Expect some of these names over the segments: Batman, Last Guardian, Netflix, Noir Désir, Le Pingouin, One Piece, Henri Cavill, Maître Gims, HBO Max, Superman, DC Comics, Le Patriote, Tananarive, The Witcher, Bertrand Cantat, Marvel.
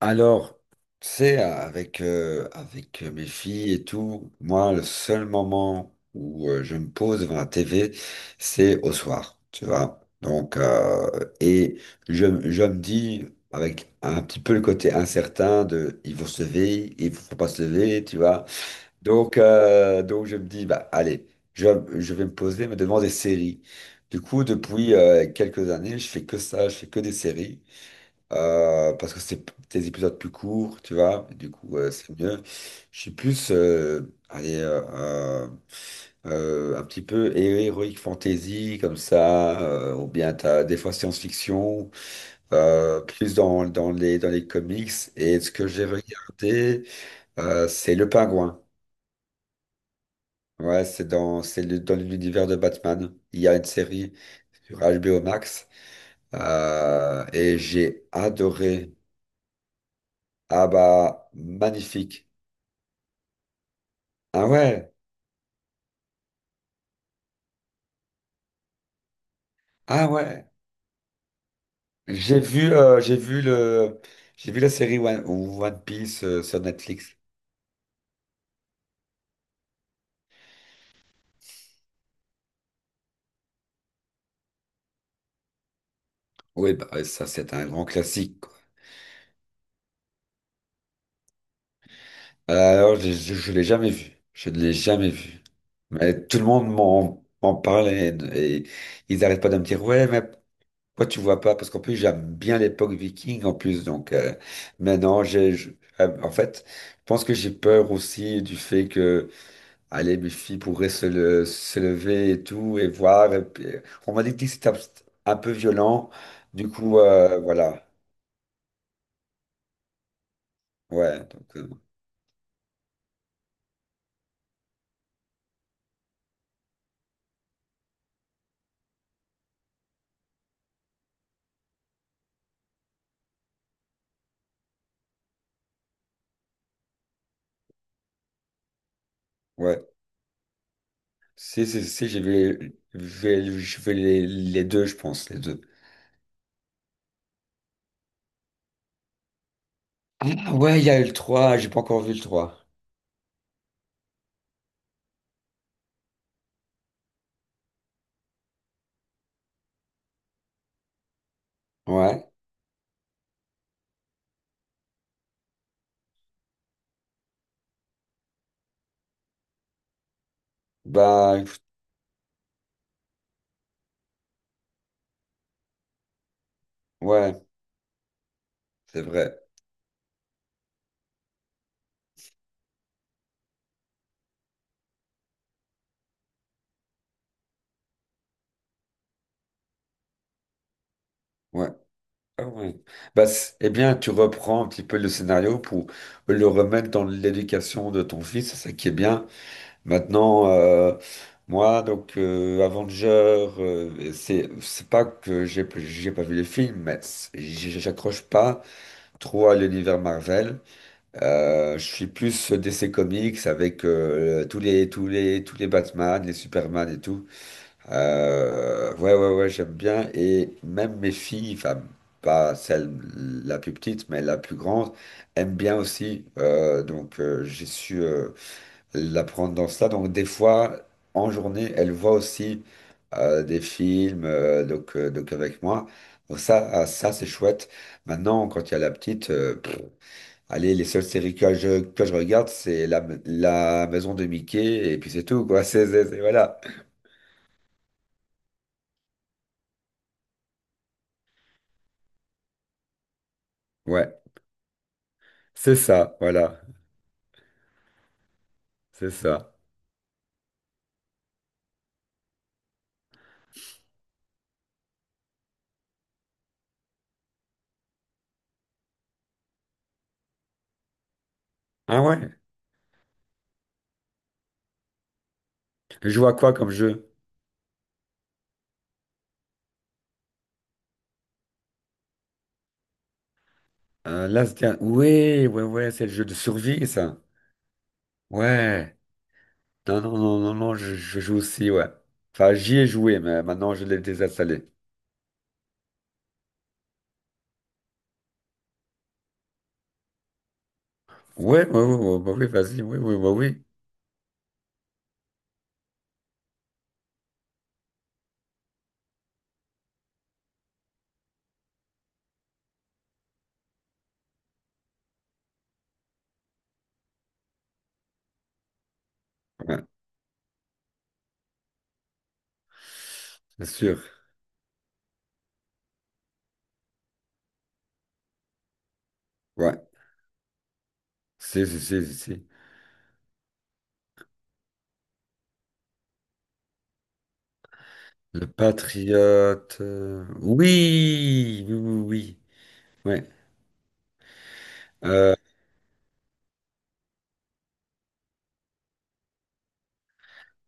Alors, tu sais, avec, avec mes filles et tout, moi, le seul moment où je me pose devant la TV, c'est au soir, tu vois. Donc, et je me dis, avec un petit peu le côté incertain de, ils vont se lever, ils vont pas se lever, tu vois. Donc je me dis, bah, allez, je, je vais me poser, mais devant des séries. Du coup, depuis quelques années, je fais que ça, je fais que des séries. Parce que des épisodes plus courts, tu vois, du coup, c'est mieux. Je suis plus, allez, euh, un petit peu héroïque fantasy, comme ça, ou bien t'as des fois science-fiction, plus dans, dans les comics. Et ce que j'ai regardé, c'est Le Pingouin. Ouais, c'est dans, dans l'univers de Batman. Il y a une série sur HBO Max, et j'ai adoré. Ah bah, magnifique. Ah ouais, ah ouais. J'ai vu le, j'ai vu la série One Piece sur Netflix. Oui, bah ouais, ça c'est un grand classique, quoi. Alors je l'ai jamais vu, je ne l'ai jamais vu. Mais tout le monde m'en parle et ils n'arrêtent pas de me dire ouais, mais pourquoi tu vois pas? Parce qu'en plus j'aime bien l'époque viking en plus, donc maintenant en fait, je pense que j'ai peur aussi du fait que allez, mes filles pourraient se lever et tout, et voir. Et puis, on m'a dit que c'était un peu violent. Du coup, voilà. Ouais, donc, ouais. Si, si, si, je vais les deux, je pense, les deux. Ah ouais, il y a eu le trois. J'ai pas encore vu le 3. Ouais, bah, écoute, ouais, c'est vrai. Ouais. Ah ouais. Bah, c'est- eh bien, tu reprends un petit peu le scénario pour le remettre dans l'éducation de ton fils, c'est ça qui est bien. Maintenant, moi, donc Avenger, c'est pas que j'ai pas vu les films, mais c'est- j'accroche pas trop à l'univers Marvel. Je suis plus DC Comics avec tous les Batman, les Superman et tout. Ouais, j'aime bien et même mes filles, enfin pas celle la plus petite, mais la plus grande, aime bien aussi. Donc j'ai su la prendre dans ça. Donc des fois, en journée, elle voit aussi des films donc avec moi. Donc ça, ah, ça c'est chouette. Maintenant, quand il y a la petite, allez, les seules séries que que je regarde, c'est la maison de Mickey et puis c'est tout, quoi. C'est, voilà. Ouais, c'est ça, voilà, c'est ça. Ah ouais, je joue à quoi comme jeu? Un Last Guardian. Ouais, ouais, ouais, c'est le jeu de survie, ça. Ouais. Non, non, non, non, non, je joue aussi, ouais. Enfin, j'y ai joué, mais maintenant je l'ai désinstallé. Ouais, ouais, ouais, ouais, bah oui, vas-y, oui, oui, bah oui. Ouais, bien sûr. Ouais. Si, si, si, si, si. Le Patriote. Oui, oui, oui, oui. Ouais.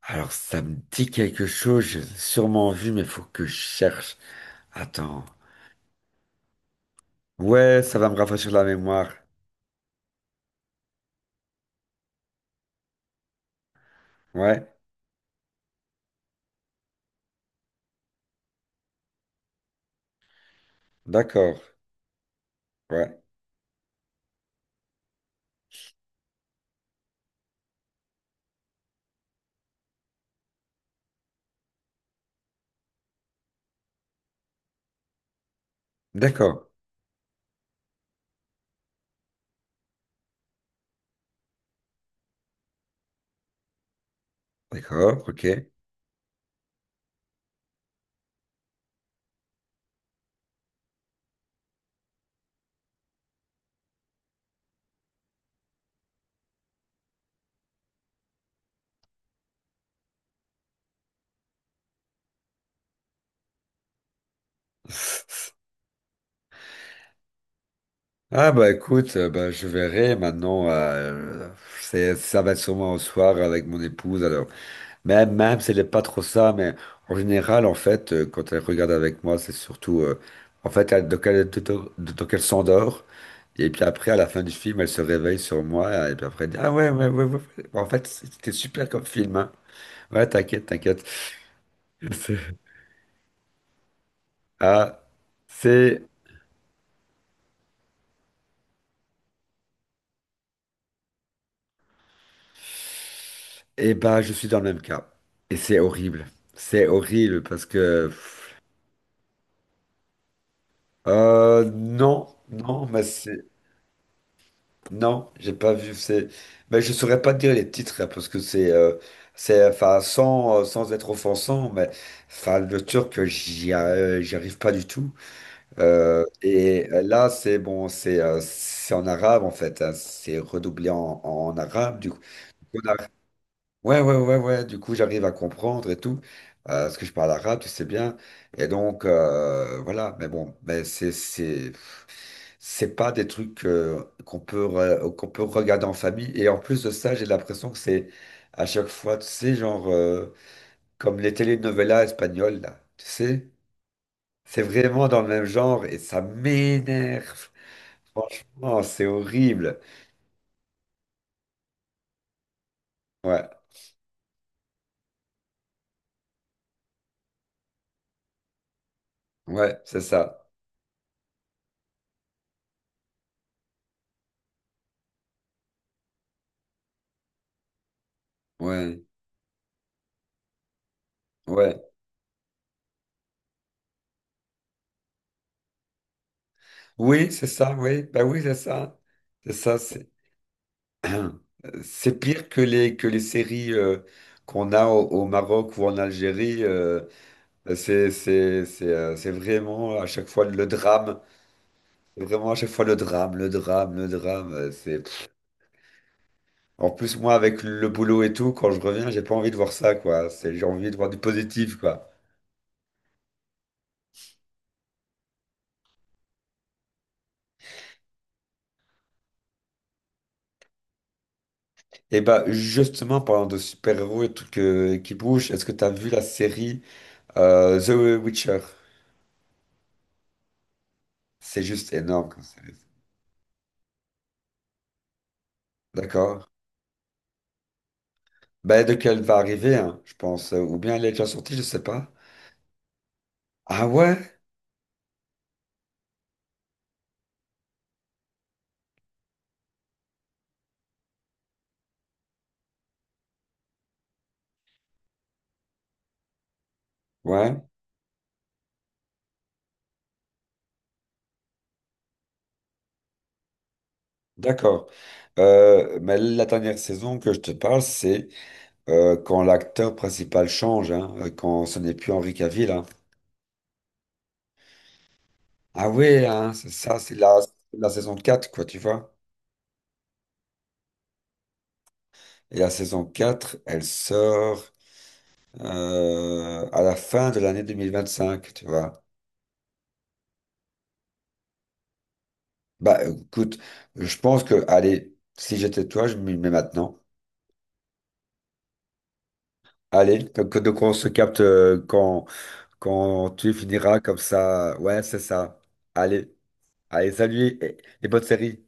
Alors, ça me dit quelque chose, j'ai sûrement vu, mais faut que je cherche. Attends. Ouais, ça va me rafraîchir la mémoire. Ouais, d'accord. Ouais, d'accord. D'accord, ok. Ah bah écoute, bah, je verrai maintenant. C'est, ça va être sûrement au soir avec mon épouse. Alors même si elle n'est pas trop ça, mais en général en fait, quand elle regarde avec moi, c'est surtout en fait donc elle s'endort et puis après à la fin du film, elle se réveille sur moi et puis après elle dit ah Bon, en fait c'était super comme film hein. Ouais, t'inquiète. C'est- Ah c'est et ben je suis dans le même cas et c'est horrible. C'est horrible parce que non, non, mais c'est... Non, j'ai pas vu. C'est... Mais je saurais pas te dire les titres, hein, parce que c'est enfin, sans, sans être offensant, mais enfin, le turc, j'y arrive pas du tout. Et là, c'est bon, c'est en arabe, en fait. Hein, c'est redoublé en, en arabe, du coup. On a- Ouais, ouais, ouais, ouais. Du coup, j'arrive à comprendre et tout. Parce que je parle arabe, tu sais bien. Et donc, voilà. Mais bon, mais c'est... C'est pas des trucs qu'on peut, qu'on peut regarder en famille. Et en plus de ça, j'ai l'impression que c'est à chaque fois, tu sais, genre comme les telenovelas espagnoles, là. Tu sais, c'est vraiment dans le même genre et ça m'énerve. Franchement, c'est horrible. Ouais, ouais, c'est ça. Ouais, ouais. Oui, c'est ça, oui. Ben oui, c'est ça. C'est ça, c'est pire que les séries qu'on a au, au Maroc ou en Algérie. C'est, c'est vraiment à chaque fois le drame. C'est vraiment à chaque fois le drame, le drame, le drame. C'est... En plus, moi, avec le boulot et tout, quand je reviens, j'ai pas envie de voir ça, quoi. C'est... J'ai envie de voir du positif, quoi. Et bah, justement, parlant de super-héros et tout que... qui bougent, est-ce que t'as vu la série The Witcher? C'est juste énorme comme série. D'accord? Bah, de quelle va arriver, hein, je pense. Ou bien elle est déjà sortie, je sais pas. Ah ouais? Ouais. D'accord. Mais la dernière saison que je te parle, c'est quand l'acteur principal change, hein, quand ce n'est plus Henri Cavill. Hein. Ah oui, hein, c'est ça, c'est la, la saison 4, quoi, tu vois. Et la saison 4, elle sort à la fin de l'année 2025, tu vois. Bah écoute, je pense que, allez, si j'étais toi, je m'y mets maintenant. Allez, donc on se capte quand tu finiras comme ça. Ouais, c'est ça. Allez. Allez, salut, et- les bonnes séries.